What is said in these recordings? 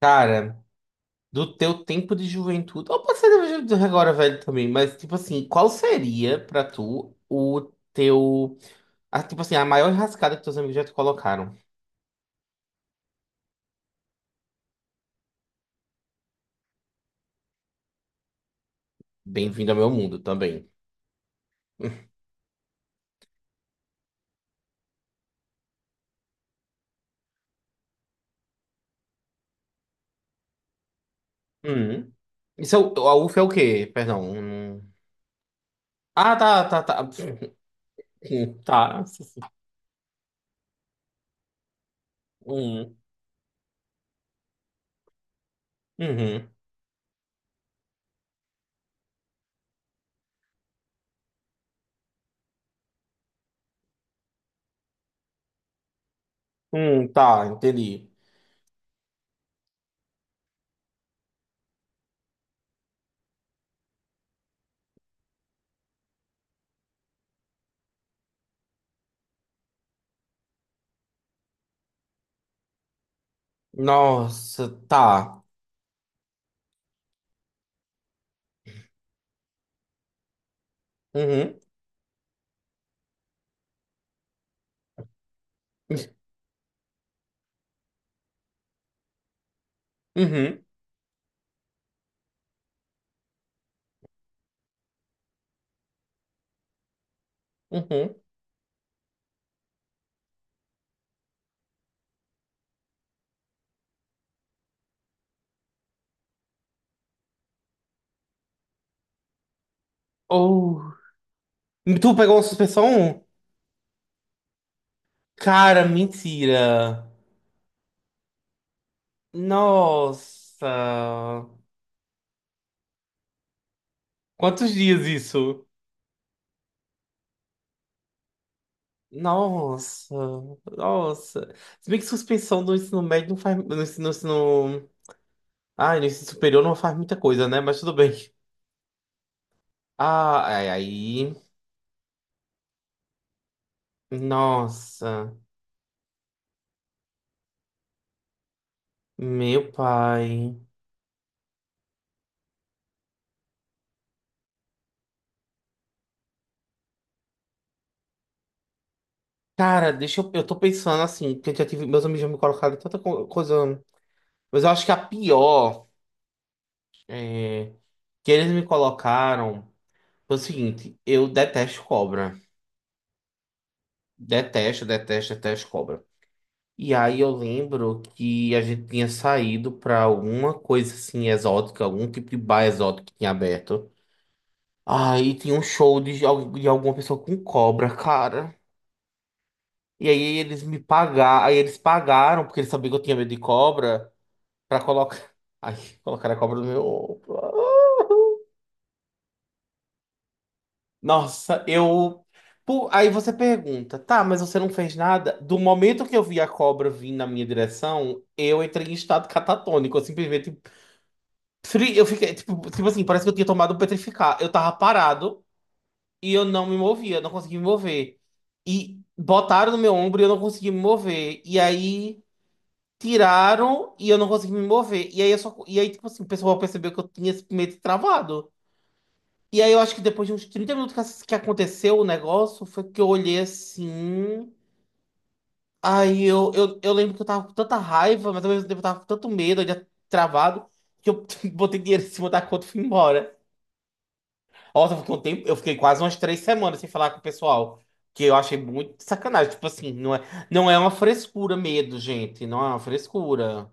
Cara, do teu tempo de juventude, ou pode ser de agora velho também, mas tipo assim, qual seria pra tu o teu, a, tipo assim, a maior rascada que teus amigos já te colocaram? Bem-vindo ao meu mundo também. Hum. Isso é, o- a UF é o quê? Perdão. Hum. Ah, tá, tá, tá. Tá. Hum, uhum. Tá, entendi. Nossa, tá. Uhum, uhum, uhum. Oh. Tu pegou uma suspensão? Cara, mentira. Nossa. Quantos dias isso? Nossa. Nossa. Se bem que suspensão do ensino médio não faz. No ensino, no ensino... Ah, no ensino superior não faz muita coisa, né? Mas tudo bem. Ah, ai, aí. Nossa. Meu pai. Cara, deixa eu. Eu tô pensando assim, porque eu já tive. Meus amigos já me colocaram em tanta co- coisa. Mas eu acho que a pior que eles me colocaram foi o seguinte: eu detesto cobra. Detesto, detesto, detesto cobra. E aí eu lembro que a gente tinha saído pra alguma coisa assim exótica, algum tipo de bar exótico que tinha aberto. Aí tinha um show de, al- de alguma pessoa com cobra, cara. E aí eles me pagaram, aí eles pagaram, porque eles sabiam que eu tinha medo de cobra, pra colocar. Aí colocaram a cobra no meu ombro. Nossa, eu. Pô, aí você pergunta, tá, mas você não fez nada? Do momento que eu vi a cobra vir na minha direção, eu entrei em estado catatônico. Eu simplesmente. Fri- eu fiquei, tipo assim, parece que eu tinha tomado petrificar. Eu tava parado e eu não me movia, não conseguia me mover. E botaram no meu ombro e eu não conseguia me mover. E aí tiraram e eu não consegui me mover. E aí, eu só, e aí tipo assim, o pessoal percebeu que eu tinha esse medo travado. E aí eu acho que depois de uns 30 minutos que ass- que aconteceu o negócio, foi que eu olhei assim. Aí eu lembro que eu tava com tanta raiva, mas ao mesmo tempo eu tava com tanto medo, eu já travado, que eu botei dinheiro em cima da conta e fui embora. Nossa, eu fiquei um tempo, eu fiquei quase umas três semanas sem falar com o pessoal. Que eu achei muito sacanagem. Tipo assim, não é, não é uma frescura medo, gente. Não é uma frescura.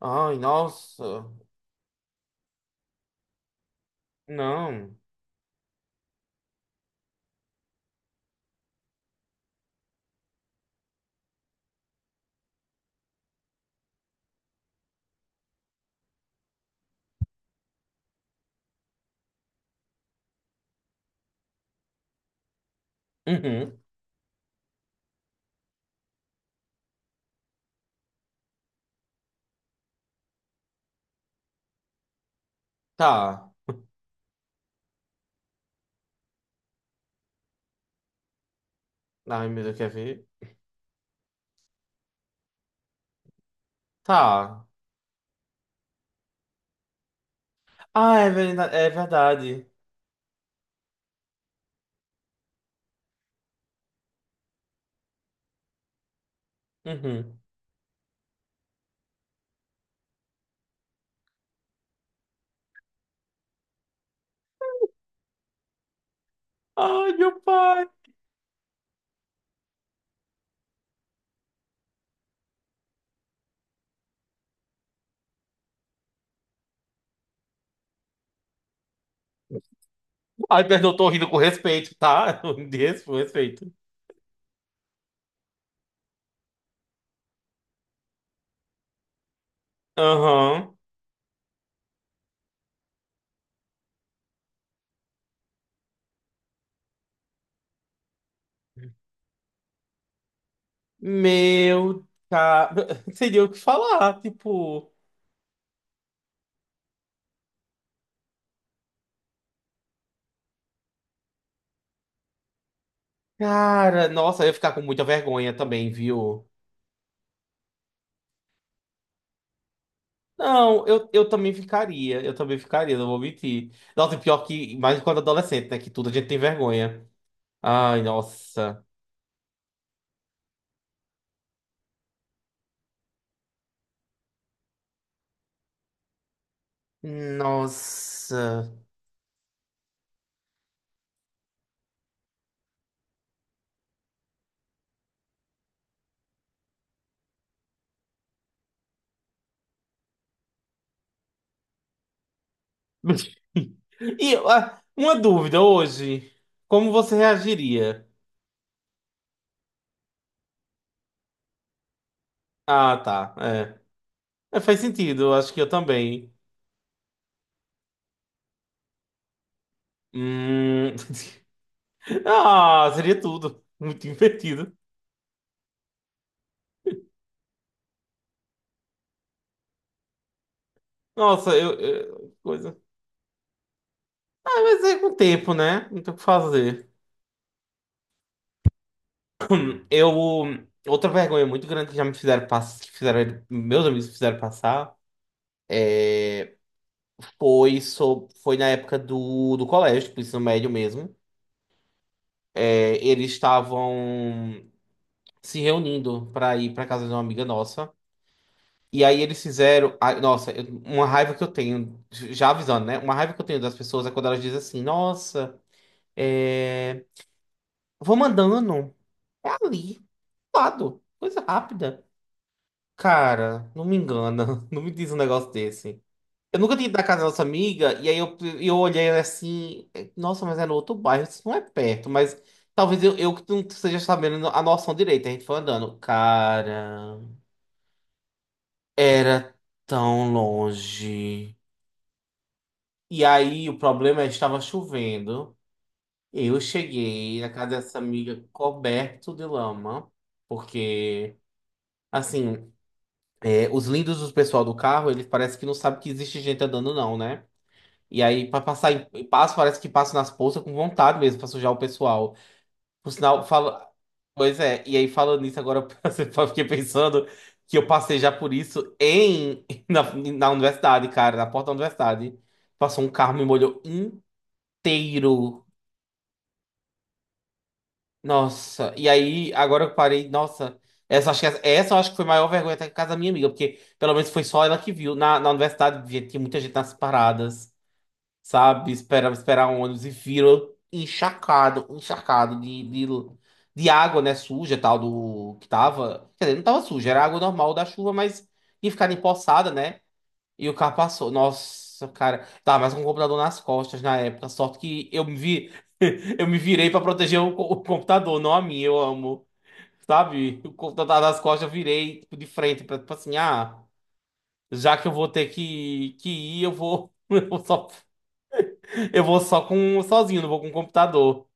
Ai, nossa. Não. Uhum. Tá. Ai, meu Deus, quer ver? Tá. Ah, é verdade. É verdade. Uhum. Ai, meu pai. Ai, perdão, eu tô rindo com respeito, tá? De res- com respeito. Aham. Meu, cara. Seria o que falar, tipo. Cara, nossa, eu ia ficar com muita vergonha também, viu? Não, eu também ficaria. Eu também ficaria, não vou mentir. Nossa, e pior que. Mais quando adolescente, né? Que tudo a gente tem vergonha. Ai, nossa. Nossa. E ah, uma dúvida hoje. Como você reagiria? Ah, tá. É. É, faz sentido, eu acho que eu também. Hum... Ah, seria tudo. Muito divertido. Nossa, coisa. É, mas é com o tempo, né? Não tem o que fazer. Eu. Outra vergonha muito grande que já me fizeram passar, que fizeram, meus amigos fizeram passar, foi, so, foi na época do, do colégio, do ensino médio mesmo. É, eles estavam se reunindo para ir para casa de uma amiga nossa. E aí eles fizeram. Ai, nossa, eu- uma raiva que eu tenho, já avisando, né? Uma raiva que eu tenho das pessoas é quando elas dizem assim: nossa, é, vou mandando. É ali, do lado, coisa rápida. Cara, não me engana, não me diz um negócio desse. Eu nunca tinha ido na casa da nossa amiga, e aí eu olhei assim: é, nossa, mas é no outro bairro, isso não é perto, mas talvez eu que não esteja sabendo a noção direita. A gente foi andando. Cara, era tão longe. E aí o problema é que estava chovendo. Eu cheguei na casa dessa amiga coberto de lama, porque assim, é, os lindos do pessoal do carro, eles parece que não sabem que existe gente andando não, né? E aí para passar em passo, parece que passa nas poças com vontade mesmo para sujar o pessoal. Por sinal, fala, pois é. E aí falando nisso agora, eu fiquei pensando que eu passei já por isso em na universidade, cara, na porta da universidade. Passou um carro me molhou inteiro. Nossa, e aí, agora eu parei. Nossa, essa, acho que, essa eu acho que foi a maior vergonha até que casa da minha amiga, porque pelo menos foi só ela que viu. Na, na universidade, gente, tinha muita gente nas paradas, sabe? Esperava esperar ônibus e viram encharcado, encharcado de água, né? Suja, tal, do que tava. Quer dizer, não tava suja, era água normal da chuva, mas ia ficar empoçada, né? E o carro passou. Nossa, cara. Tava mais com o computador nas costas na época. Sorte que eu me vi... eu me virei pra proteger o, co- o computador, não a mim. Eu amo. Sabe? O computador tava nas costas, eu virei tipo, de frente. Pra, tipo assim, ah, já que eu vou ter que ir, eu vou. Eu vou só, eu vou só com sozinho, não vou com o computador.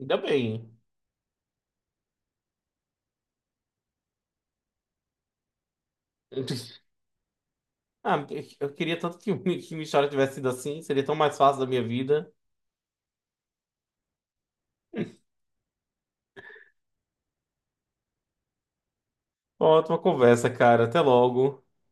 Ainda bem. Ah, eu queria tanto que, que minha história tivesse sido assim. Seria tão mais fácil da minha vida. Ótima conversa, cara. Até logo.